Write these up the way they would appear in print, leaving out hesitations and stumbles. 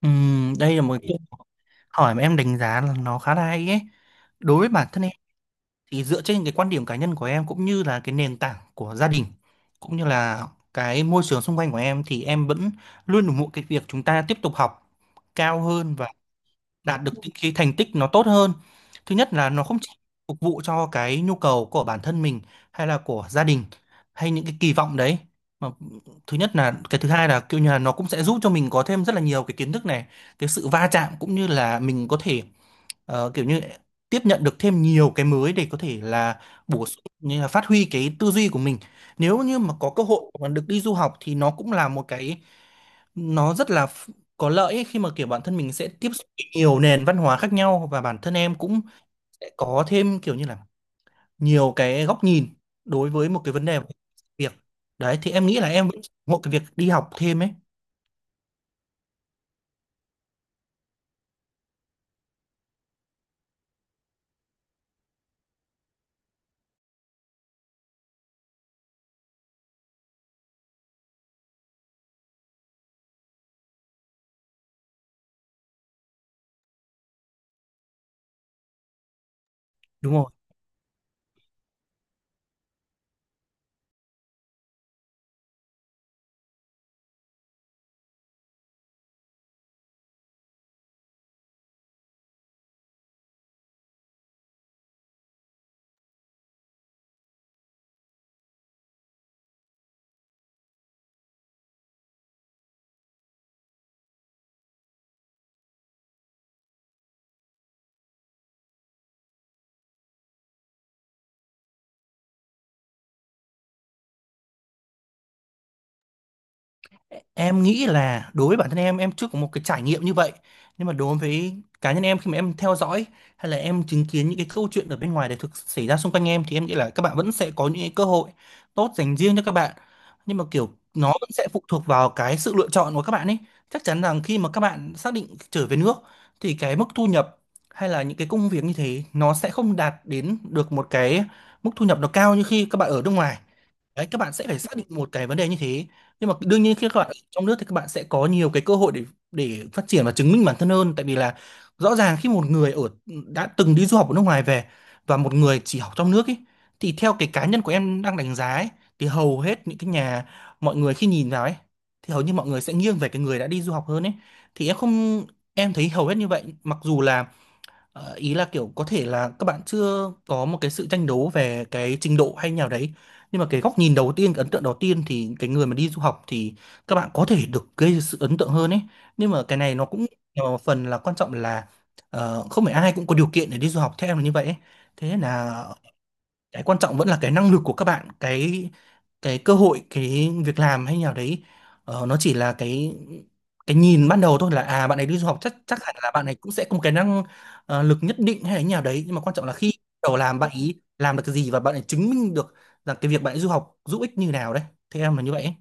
Đây là một câu hỏi mà em đánh giá là nó khá là hay ấy. Đối với bản thân em thì dựa trên cái quan điểm cá nhân của em cũng như là cái nền tảng của gia đình cũng như là cái môi trường xung quanh của em thì em vẫn luôn ủng hộ cái việc chúng ta tiếp tục học cao hơn, đạt được những cái thành tích nó tốt hơn. Thứ nhất là nó không chỉ phục vụ cho cái nhu cầu của bản thân mình hay là của gia đình hay những cái kỳ vọng đấy. Mà thứ nhất là cái thứ hai là kiểu như là nó cũng sẽ giúp cho mình có thêm rất là nhiều cái kiến thức này, cái sự va chạm cũng như là mình có thể kiểu như tiếp nhận được thêm nhiều cái mới để có thể là bổ sung như là phát huy cái tư duy của mình. Nếu như mà có cơ hội mà được đi du học thì nó cũng là một cái nó rất là ph- có lợi ấy, khi mà kiểu bản thân mình sẽ tiếp xúc với nhiều nền văn hóa khác nhau và bản thân em cũng sẽ có thêm kiểu như là nhiều cái góc nhìn đối với một cái vấn đề, một cái việc đấy thì em nghĩ là em vẫn ủng hộ cái việc đi học thêm ấy, đúng không? Em nghĩ là đối với bản thân em chưa có một cái trải nghiệm như vậy nhưng mà đối với cá nhân em khi mà em theo dõi hay là em chứng kiến những cái câu chuyện ở bên ngoài để thực xảy ra xung quanh em thì em nghĩ là các bạn vẫn sẽ có những cái cơ hội tốt dành riêng cho các bạn, nhưng mà kiểu nó vẫn sẽ phụ thuộc vào cái sự lựa chọn của các bạn ấy. Chắc chắn rằng khi mà các bạn xác định trở về nước thì cái mức thu nhập hay là những cái công việc như thế nó sẽ không đạt đến được một cái mức thu nhập nó cao như khi các bạn ở nước ngoài. Đấy, các bạn sẽ phải xác định một cái vấn đề như thế, nhưng mà đương nhiên khi các bạn ở trong nước thì các bạn sẽ có nhiều cái cơ hội để phát triển và chứng minh bản thân hơn, tại vì là rõ ràng khi một người đã từng đi du học ở nước ngoài về và một người chỉ học trong nước ấy, thì theo cái cá nhân của em đang đánh giá ấy, thì hầu hết những cái mọi người khi nhìn vào ấy thì hầu như mọi người sẽ nghiêng về cái người đã đi du học hơn ấy. Thì em không, em thấy hầu hết như vậy, mặc dù là ý là kiểu có thể là các bạn chưa có một cái sự tranh đấu về cái trình độ hay nào đấy, nhưng mà cái góc nhìn đầu tiên, cái ấn tượng đầu tiên thì cái người mà đi du học thì các bạn có thể được gây sự ấn tượng hơn ấy. Nhưng mà cái này nó cũng là một phần, là quan trọng là không phải ai cũng có điều kiện để đi du học, theo em là như vậy ấy. Thế nên là cái quan trọng vẫn là cái năng lực của các bạn, cái cơ hội, cái việc làm hay nào đấy, nó chỉ là cái nhìn ban đầu thôi, là à bạn ấy đi du học chắc chắc hẳn là bạn ấy cũng sẽ có một cái năng lực nhất định hay là như nào đấy, nhưng mà quan trọng là khi bắt đầu làm, bạn ấy làm được cái gì và bạn ấy chứng minh được rằng cái việc bạn ấy du học giúp ích như nào đấy, theo em là như vậy ấy.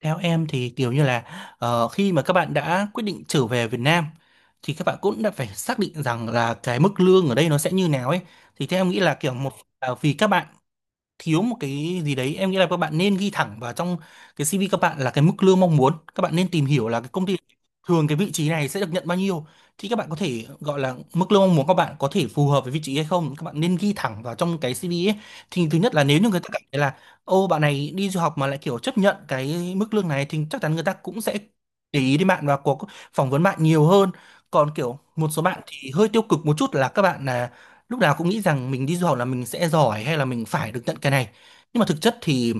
Theo em thì kiểu như là khi mà các bạn đã quyết định trở về Việt Nam thì các bạn cũng đã phải xác định rằng là cái mức lương ở đây nó sẽ như nào ấy. Thì theo em nghĩ là kiểu, một là vì các bạn thiếu một cái gì đấy, em nghĩ là các bạn nên ghi thẳng vào trong cái CV, các bạn là cái mức lương mong muốn, các bạn nên tìm hiểu là cái công ty thường cái vị trí này sẽ được nhận bao nhiêu, thì các bạn có thể gọi là mức lương mong muốn, các bạn có thể phù hợp với vị trí hay không, các bạn nên ghi thẳng vào trong cái CV ấy. Thì thứ nhất là nếu như người ta cảm thấy là ô, bạn này đi du học mà lại kiểu chấp nhận cái mức lương này thì chắc chắn người ta cũng sẽ để ý đến bạn và có phỏng vấn bạn nhiều hơn. Còn kiểu một số bạn thì hơi tiêu cực một chút là các bạn là lúc nào cũng nghĩ rằng mình đi du học là mình sẽ giỏi hay là mình phải được nhận cái này, nhưng mà thực chất thì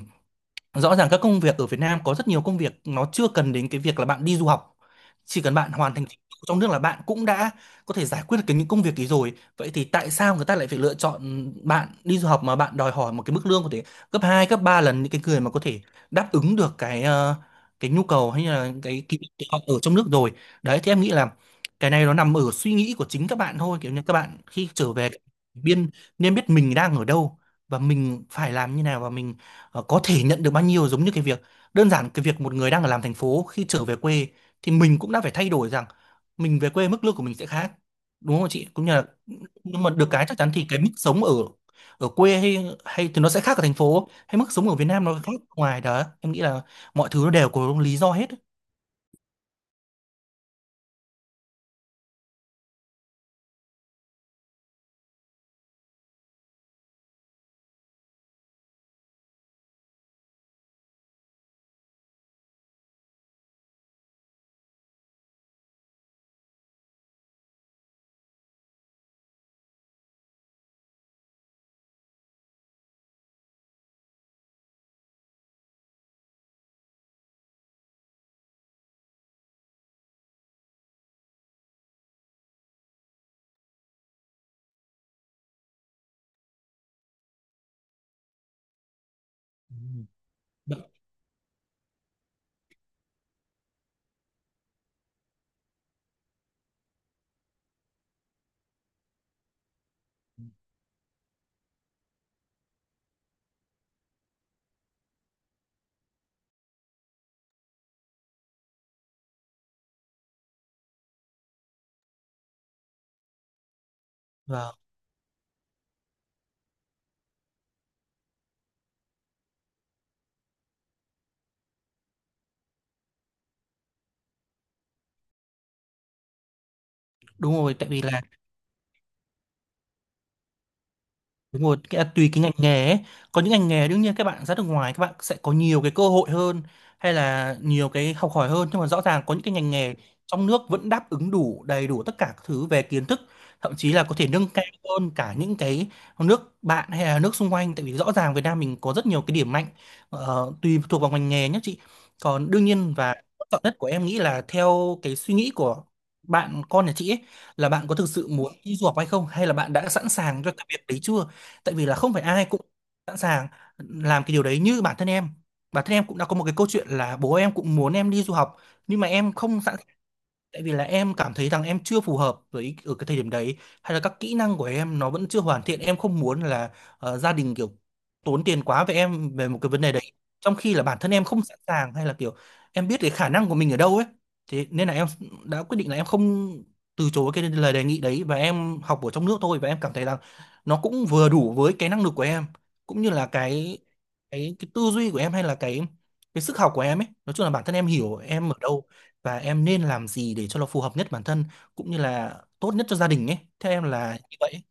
rõ ràng các công việc ở Việt Nam có rất nhiều công việc nó chưa cần đến cái việc là bạn đi du học, chỉ cần bạn hoàn thành trình độ trong nước là bạn cũng đã có thể giải quyết được cái những công việc ấy rồi. Vậy thì tại sao người ta lại phải lựa chọn bạn đi du học mà bạn đòi hỏi một cái mức lương có thể gấp 2 gấp 3 lần những cái người mà có thể đáp ứng được cái cái nhu cầu hay là cái kỹ năng của họ ở trong nước rồi? Đấy thì em nghĩ là cái này nó nằm ở suy nghĩ của chính các bạn thôi, kiểu như các bạn khi trở về biên nên biết mình đang ở đâu và mình phải làm như nào và mình có thể nhận được bao nhiêu, giống như cái việc đơn giản, cái việc một người đang làm thành phố khi trở về quê thì mình cũng đã phải thay đổi rằng mình về quê mức lương của mình sẽ khác, đúng không chị, cũng như là nhưng mà được cái chắc chắn thì cái mức sống ở ở quê hay hay thì nó sẽ khác ở thành phố hay mức sống ở Việt Nam nó khác ngoài đó, em nghĩ là mọi thứ nó đều có lý do hết. Ừ. Vâng, đúng rồi, tại vì là đúng rồi, cái, tùy cái ngành nghề ấy. Có những ngành nghề đương nhiên các bạn ra nước ngoài các bạn sẽ có nhiều cái cơ hội hơn hay là nhiều cái học hỏi hơn, nhưng mà rõ ràng có những cái ngành nghề trong nước vẫn đáp ứng đủ, đầy đủ tất cả các thứ về kiến thức, thậm chí là có thể nâng cao hơn cả những cái nước bạn hay là nước xung quanh, tại vì rõ ràng Việt Nam mình có rất nhiều cái điểm mạnh. Tùy thuộc vào ngành nghề nhé chị, còn đương nhiên và quan trọng nhất của em nghĩ là theo cái suy nghĩ của bạn con nhà chị ấy, là bạn có thực sự muốn đi du học hay không, hay là bạn đã sẵn sàng cho cái việc đấy chưa, tại vì là không phải ai cũng sẵn sàng làm cái điều đấy. Như bản thân em, cũng đã có một cái câu chuyện là bố em cũng muốn em đi du học nhưng mà em không sẵn, tại vì là em cảm thấy rằng em chưa phù hợp với ở cái thời điểm đấy, hay là các kỹ năng của em nó vẫn chưa hoàn thiện, em không muốn là gia đình kiểu tốn tiền quá về em về một cái vấn đề đấy, trong khi là bản thân em không sẵn sàng hay là kiểu em biết cái khả năng của mình ở đâu ấy. Thế nên là em đã quyết định là em không, từ chối cái lời đề nghị đấy và em học ở trong nước thôi, và em cảm thấy rằng nó cũng vừa đủ với cái năng lực của em cũng như là cái tư duy của em hay là cái sức học của em ấy, nói chung là bản thân em hiểu em ở đâu và em nên làm gì để cho nó phù hợp nhất bản thân cũng như là tốt nhất cho gia đình ấy, theo em là như vậy ấy.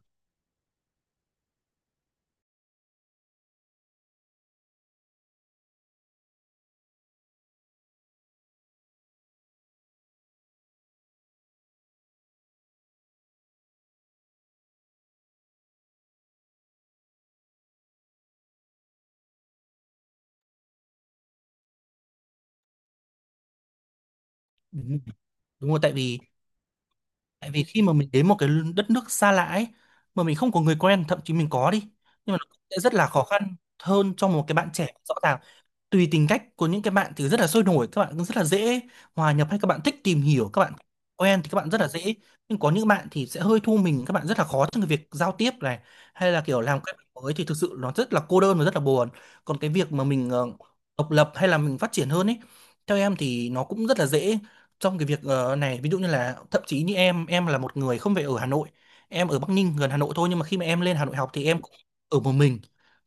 Ừ. Đúng rồi, tại vì khi mà mình đến một cái đất nước xa lạ ấy mà mình không có người quen, thậm chí mình có đi nhưng mà nó cũng sẽ rất là khó khăn hơn cho một cái bạn trẻ rõ ràng. Tùy tính cách của những cái bạn thì rất là sôi nổi, các bạn cũng rất là dễ hòa nhập, hay các bạn thích tìm hiểu, các bạn quen thì các bạn rất là dễ, nhưng có những bạn thì sẽ hơi thu mình, các bạn rất là khó trong cái việc giao tiếp này hay là kiểu làm quen với mới, thì thực sự nó rất là cô đơn và rất là buồn. Còn cái việc mà mình độc lập hay là mình phát triển hơn ấy, theo em thì nó cũng rất là dễ trong cái việc này, ví dụ như là thậm chí như em là một người không phải ở Hà Nội, em ở Bắc Ninh gần Hà Nội thôi, nhưng mà khi mà em lên Hà Nội học thì em cũng ở một mình,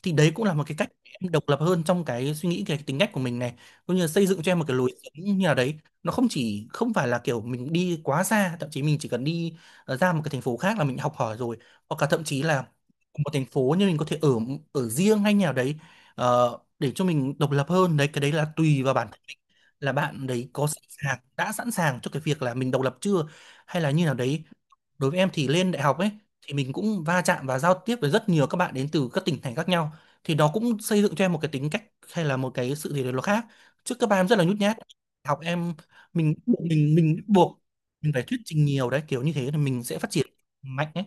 thì đấy cũng là một cái cách em độc lập hơn trong cái suy nghĩ, cái tính cách của mình này, cũng như là xây dựng cho em một cái lối sống như nào đấy. Nó không chỉ, không phải là kiểu mình đi quá xa, thậm chí mình chỉ cần đi ra một cái thành phố khác là mình học hỏi rồi, hoặc là thậm chí là một thành phố nhưng mình có thể ở ở riêng hay nhà đấy, để cho mình độc lập hơn. Đấy, cái đấy là tùy vào bản thân mình, là bạn đấy có sẵn sàng, đã sẵn sàng cho cái việc là mình độc lập chưa hay là như nào đấy. Đối với em thì lên đại học ấy thì mình cũng va chạm và giao tiếp với rất nhiều các bạn đến từ các tỉnh thành khác nhau, thì nó cũng xây dựng cho em một cái tính cách hay là một cái sự gì đấy nó khác trước, các bạn em rất là nhút nhát học em mình buộc mình phải thuyết trình nhiều đấy, kiểu như thế thì mình sẽ phát triển mạnh ấy.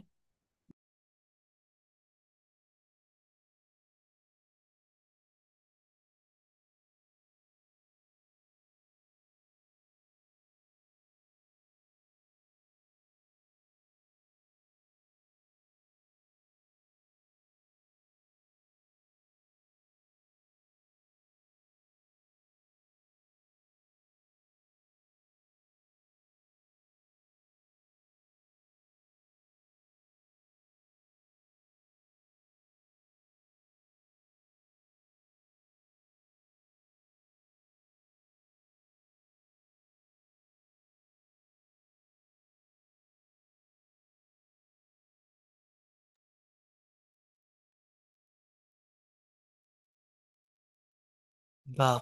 Và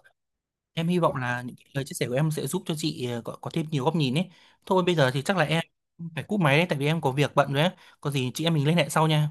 em hy vọng là những cái lời chia sẻ của em sẽ giúp cho chị có, thêm nhiều góc nhìn ấy. Thôi bây giờ thì chắc là em phải cúp máy đấy tại vì em có việc bận rồi ấy, có gì chị em mình liên hệ sau nha.